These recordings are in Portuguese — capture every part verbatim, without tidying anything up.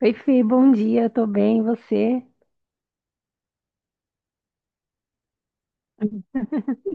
Oi, Fê, bom dia, tô bem, e você?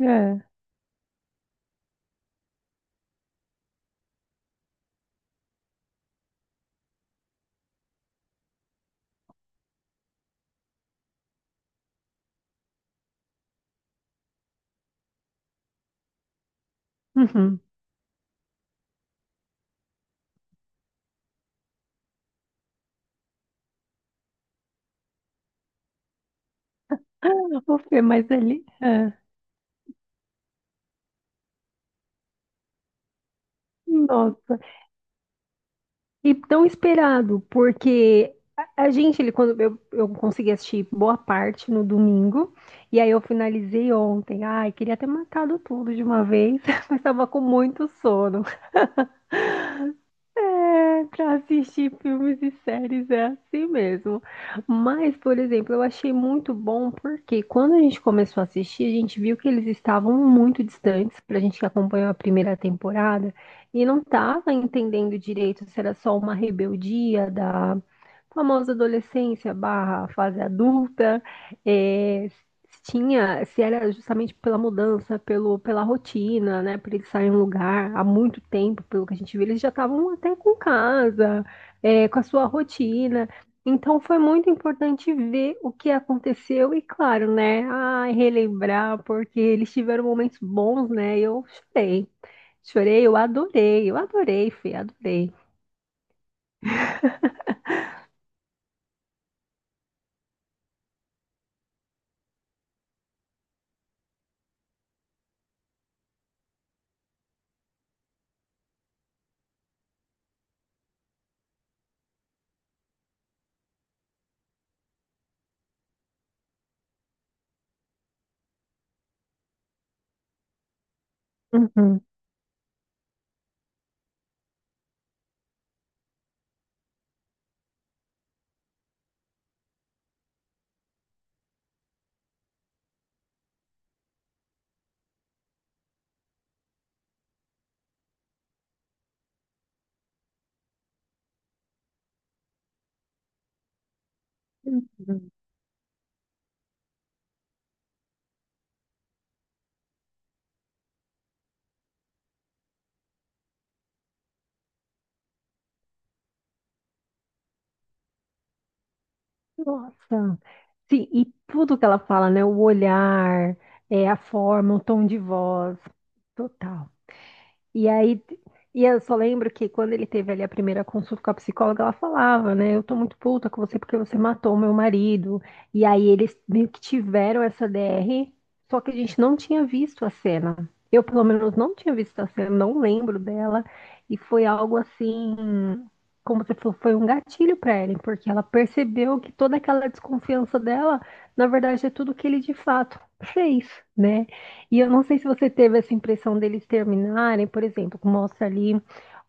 Ah, uhum. Ô, Fê, mas ali. ah, nossa, e tão esperado, porque a, a gente, ele, quando eu, eu consegui assistir boa parte no domingo, e aí eu finalizei ontem. Ai, queria ter matado tudo de uma vez, mas tava com muito sono. É, pra assistir filmes e séries é assim mesmo. Mas, por exemplo, eu achei muito bom porque quando a gente começou a assistir, a gente viu que eles estavam muito distantes pra gente que acompanhou a primeira temporada e não tava entendendo direito se era só uma rebeldia da famosa adolescência barra fase adulta, é, tinha, se era justamente pela mudança, pelo, pela rotina, né? Por eles saírem um lugar há muito tempo, pelo que a gente viu, eles já estavam até com casa, é, com a sua rotina. Então foi muito importante ver o que aconteceu e, claro, né? Ai, relembrar, porque eles tiveram momentos bons, né? E eu chorei. Chorei, eu adorei, eu adorei, Fê, adorei. Uhum. Uhum. Nossa. Sim, e tudo que ela fala, né? O olhar, é, a forma, o tom de voz. Total. E aí, e eu só lembro que quando ele teve ali a primeira consulta com a psicóloga, ela falava, né? Eu tô muito puta com você porque você matou meu marido. E aí eles meio que tiveram essa D R, só que a gente não tinha visto a cena. Eu, pelo menos, não tinha visto a cena, não lembro dela. E foi algo assim, como você falou, foi um gatilho pra ela, porque ela percebeu que toda aquela desconfiança dela, na verdade, é tudo que ele de fato fez, né? E eu não sei se você teve essa impressão deles terminarem, por exemplo, que mostra ali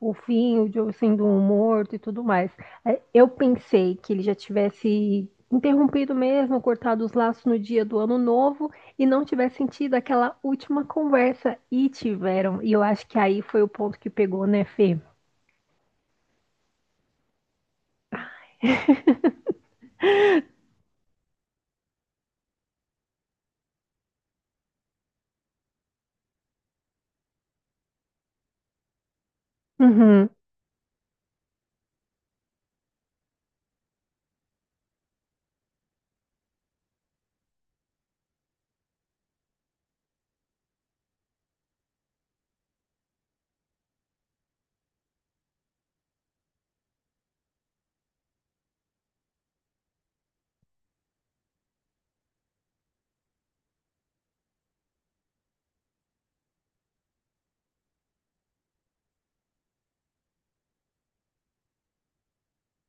o fim, o Joe sendo um morto e tudo mais. É, eu pensei que ele já tivesse interrompido mesmo, cortado os laços no dia do ano novo e não tivesse sentido aquela última conversa. E tiveram. E eu acho que aí foi o ponto que pegou, né, Fê? Uhum.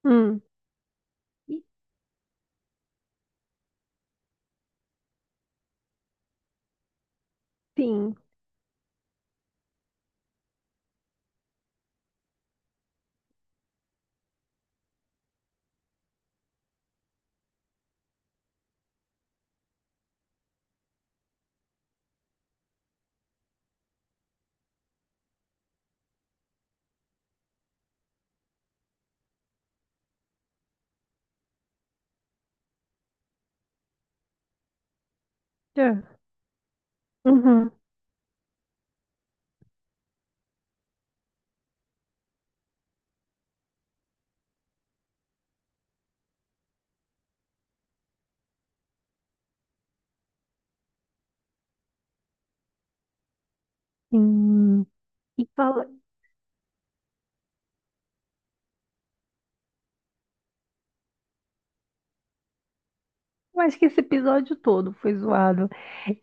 Hum. E, sim. É. Uhum. Sim. E fala, eu acho que esse episódio todo foi zoado.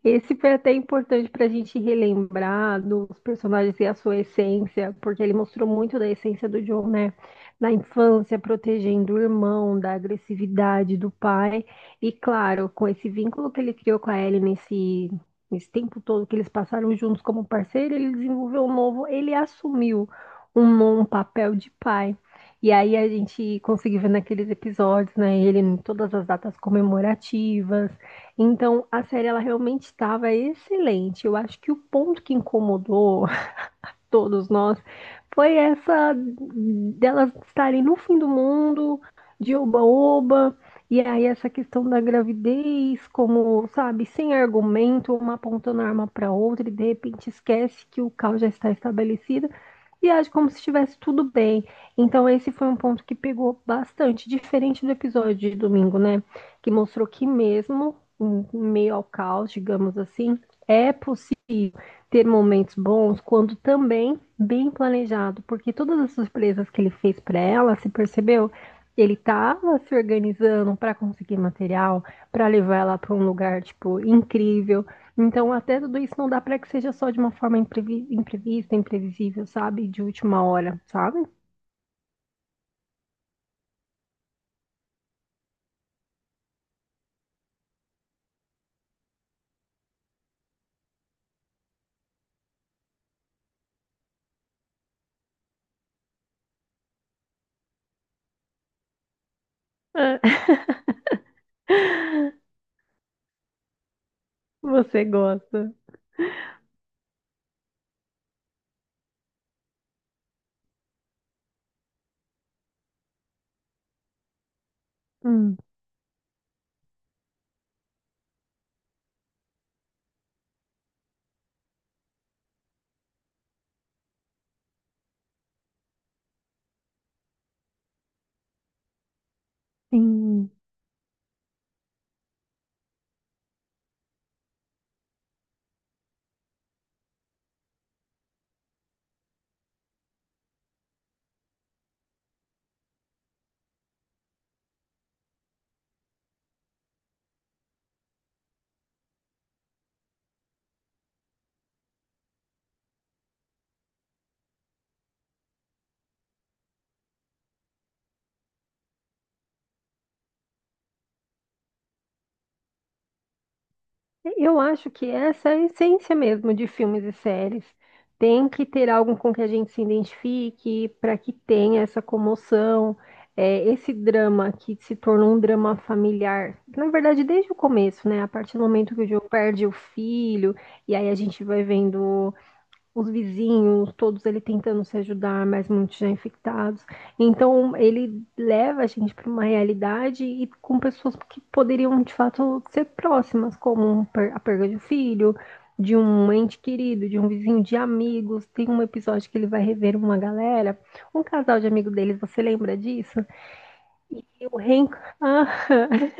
Esse foi até importante para a gente relembrar dos personagens e a sua essência, porque ele mostrou muito da essência do John, né? Na infância, protegendo o irmão, da agressividade do pai. E claro, com esse vínculo que ele criou com a Ellie nesse, nesse tempo todo que eles passaram juntos como parceiro, ele desenvolveu um novo, ele assumiu um, um papel de pai. E aí a gente conseguiu ver naqueles episódios, né? Ele em todas as datas comemorativas. Então a série ela realmente estava excelente. Eu acho que o ponto que incomodou todos nós, foi essa delas estarem no fim do mundo, de oba-oba, e aí essa questão da gravidez, como, sabe, sem argumento, uma apontando a arma para outra e de repente esquece que o caos já está estabelecido e age como se estivesse tudo bem. Então esse foi um ponto que pegou bastante, diferente do episódio de domingo, né? Que mostrou que mesmo em meio ao caos, digamos assim, é possível ter momentos bons quando também bem planejado, porque todas as surpresas que ele fez para ela, se percebeu, ele estava se organizando para conseguir material, para levar ela para um lugar tipo incrível. Então, até tudo isso não dá para que seja só de uma forma imprevi- imprevista, imprevisível, sabe? De última hora, sabe? Você gosta. Hum, sim. Eu acho que essa é a essência mesmo de filmes e séries. Tem que ter algo com que a gente se identifique, para que tenha essa comoção, é, esse drama que se tornou um drama familiar. Na verdade, desde o começo, né? A partir do momento que o Joe perde o filho, e aí a gente vai vendo os vizinhos, todos ele tentando se ajudar, mas muitos já infectados. Então, ele leva a gente para uma realidade e com pessoas que poderiam de fato ser próximas, como um per- a perda de um filho, de um ente querido, de um vizinho, de amigos. Tem um episódio que ele vai rever uma galera, um casal de amigos deles, você lembra disso? E o reencontro.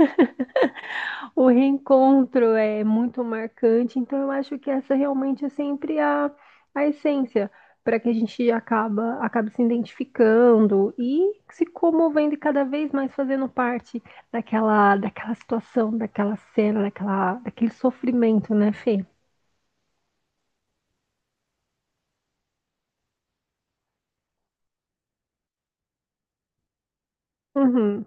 O reencontro é muito marcante, então eu acho que essa realmente é sempre a, a essência para que a gente acaba, acabe se identificando e se comovendo e cada vez mais fazendo parte daquela, daquela situação, daquela cena, daquela, daquele sofrimento, né, Fê? Uhum,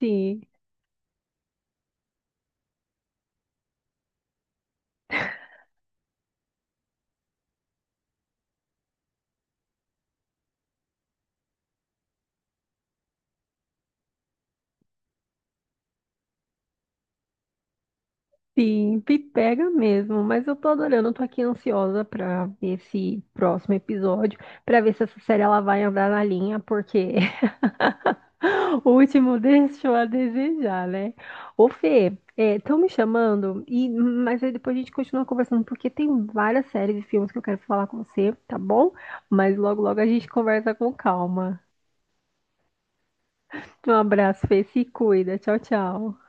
sim, sim, me pega mesmo, mas eu tô adorando, eu tô aqui ansiosa para ver esse próximo episódio, para ver se essa série ela vai andar na linha, porque O último deixou a desejar, né? Ô, Fê, estão me chamando, e, mas aí depois a gente continua conversando, porque tem várias séries e filmes que eu quero falar com você, tá bom? Mas logo, logo a gente conversa com calma. Um abraço, Fê, se cuida. Tchau, tchau.